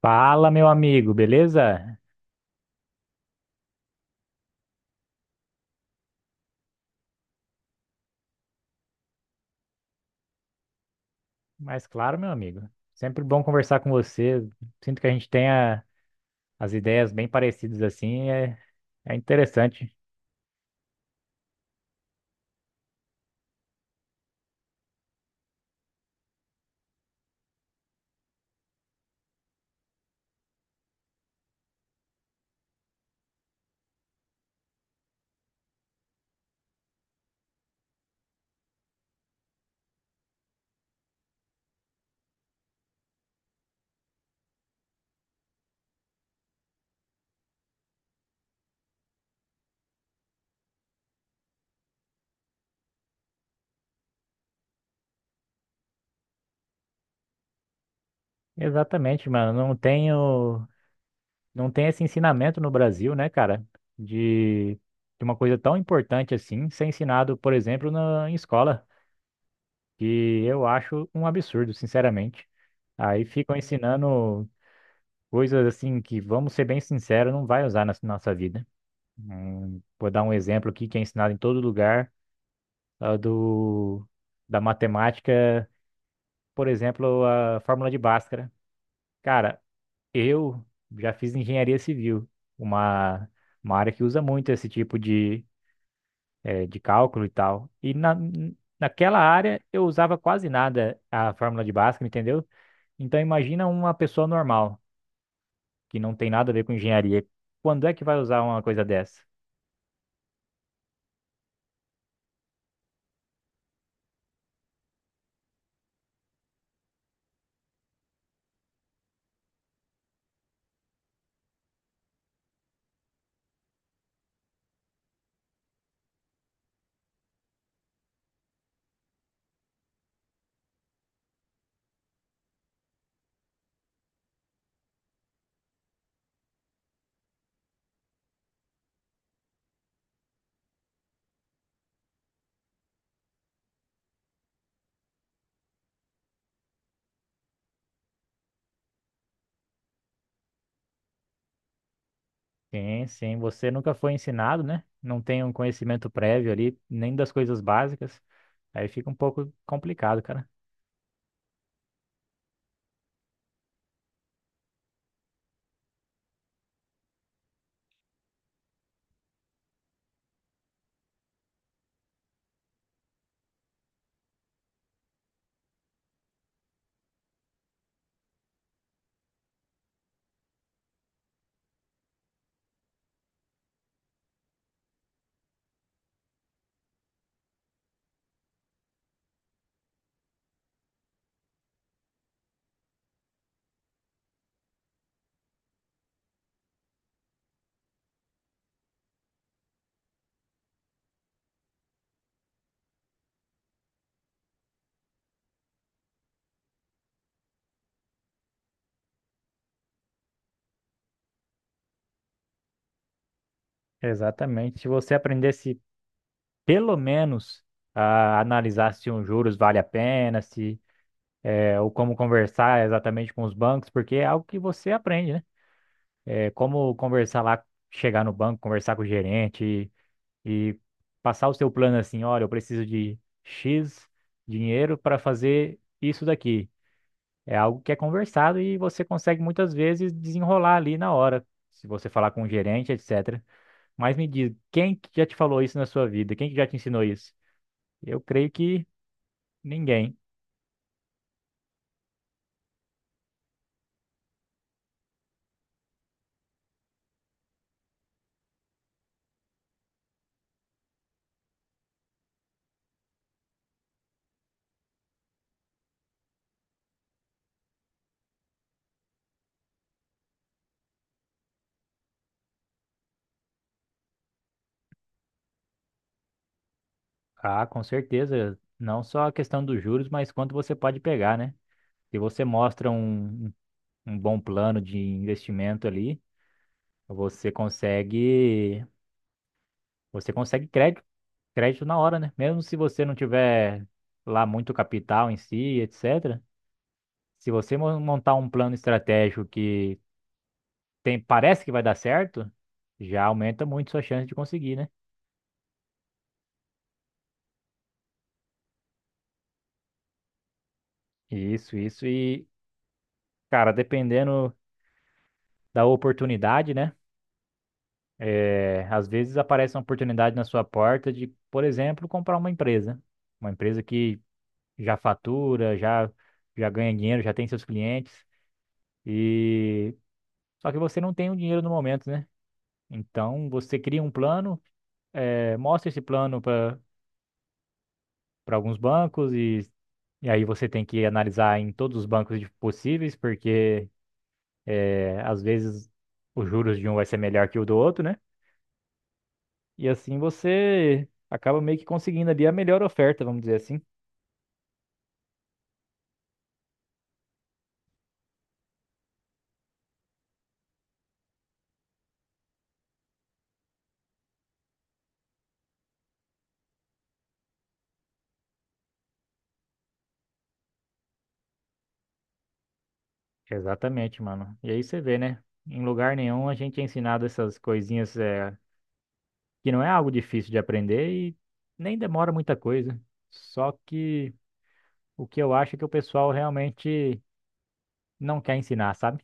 Fala, meu amigo, beleza? Mas claro, meu amigo. Sempre bom conversar com você. Sinto que a gente tenha as ideias bem parecidas assim, é interessante. Exatamente, mano. Não tem esse ensinamento no Brasil, né, cara? De uma coisa tão importante assim ser ensinado, por exemplo, em escola, que eu acho um absurdo, sinceramente. Aí ficam ensinando coisas assim que, vamos ser bem sinceros, não vai usar na nossa vida. Vou dar um exemplo aqui que é ensinado em todo lugar, ah, do, da matemática, por exemplo, a fórmula de Bhaskara. Cara, eu já fiz engenharia civil, uma, uma área que usa muito esse tipo de, de cálculo e tal. Naquela área eu usava quase nada a fórmula de Bhaskara, entendeu? Então imagina uma pessoa normal, que não tem nada a ver com engenharia. Quando é que vai usar uma coisa dessa? Sim, sim. Você nunca foi ensinado, né? Não tem um conhecimento prévio ali, nem das coisas básicas. Aí fica um pouco complicado, cara. Exatamente. Se você aprendesse pelo menos a analisar se um juros vale a pena, se é, ou como conversar exatamente com os bancos, porque é algo que você aprende, né? É como conversar lá, chegar no banco, conversar com o gerente e passar o seu plano assim, olha, eu preciso de X dinheiro para fazer isso daqui. É algo que é conversado e você consegue muitas vezes desenrolar ali na hora, se você falar com o gerente, etc. Mas me diz, quem que já te falou isso na sua vida? Quem que já te ensinou isso? Eu creio que ninguém. Ah, com certeza. Não só a questão dos juros, mas quanto você pode pegar, né? Se você mostra um bom plano de investimento ali, você consegue, você consegue crédito, crédito na hora, né? Mesmo se você não tiver lá muito capital em si, etc. Se você montar um plano estratégico que tem, parece que vai dar certo, já aumenta muito sua chance de conseguir, né? Isso, isso. E, cara, dependendo da oportunidade, né? É, às vezes aparece uma oportunidade na sua porta de, por exemplo, comprar uma empresa. Uma empresa que já fatura, já ganha dinheiro, já tem seus clientes. E só que você não tem o dinheiro no momento, né? Então você cria um plano, é, mostra esse plano para alguns bancos e aí você tem que analisar em todos os bancos possíveis, porque é, às vezes os juros de um vai ser melhor que o do outro, né? E assim você acaba meio que conseguindo ali a melhor oferta, vamos dizer assim. Exatamente, mano. E aí você vê, né? Em lugar nenhum a gente é ensinado essas coisinhas é, que não é algo difícil de aprender e nem demora muita coisa. Só que o que eu acho é que o pessoal realmente não quer ensinar, sabe?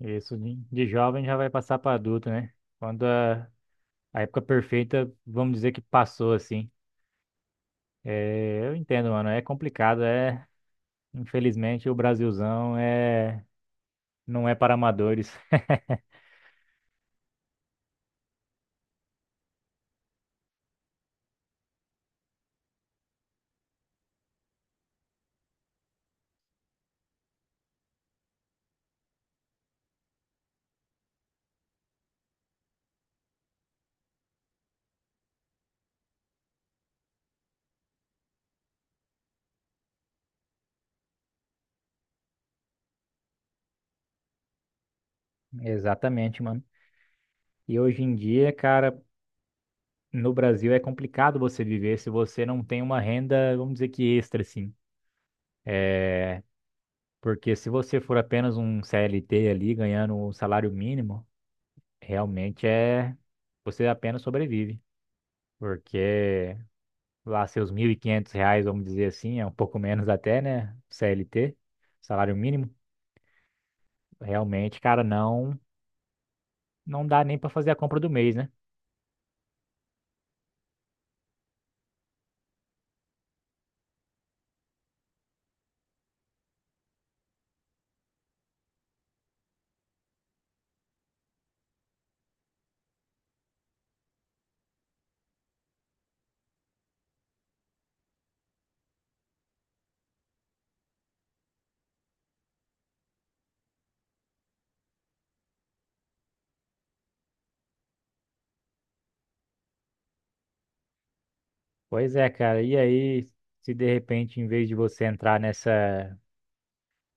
Isso de jovem já vai passar para adulto, né? Quando a época perfeita, vamos dizer que passou assim. É, eu entendo, mano, é complicado, é, infelizmente o Brasilzão é não é para amadores. Exatamente, mano. E hoje em dia, cara, no Brasil é complicado você viver se você não tem uma renda, vamos dizer que extra, assim. É, porque se você for apenas um CLT ali ganhando um salário mínimo, realmente é você apenas sobrevive. Porque lá seus R$ 1.500, vamos dizer assim, é um pouco menos até, né? CLT, salário mínimo, realmente, cara, não dá nem para fazer a compra do mês, né? Pois é, cara. E aí, se de repente, em vez de você entrar nessa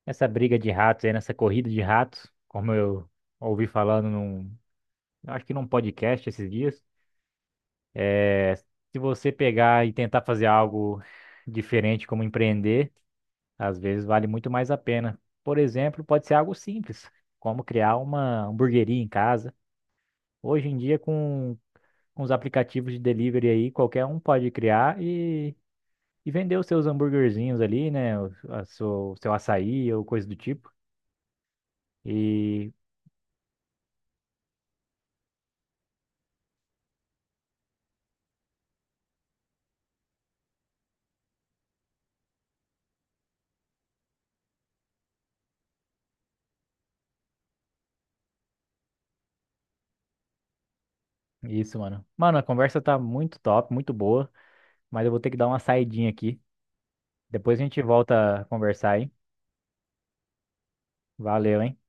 nessa briga de ratos aí, nessa corrida de ratos, como eu ouvi falando num, acho que num podcast esses dias, é, se você pegar e tentar fazer algo diferente, como empreender. Às vezes vale muito mais a pena. Por exemplo, pode ser algo simples, como criar uma hamburgueria em casa. Hoje em dia, com os aplicativos de delivery aí, qualquer um pode criar e vender os seus hambúrguerzinhos ali, né? O seu açaí ou coisa do tipo. E isso, mano. Mano, a conversa tá muito top, muito boa, mas eu vou ter que dar uma saidinha aqui. Depois a gente volta a conversar aí. Valeu, hein?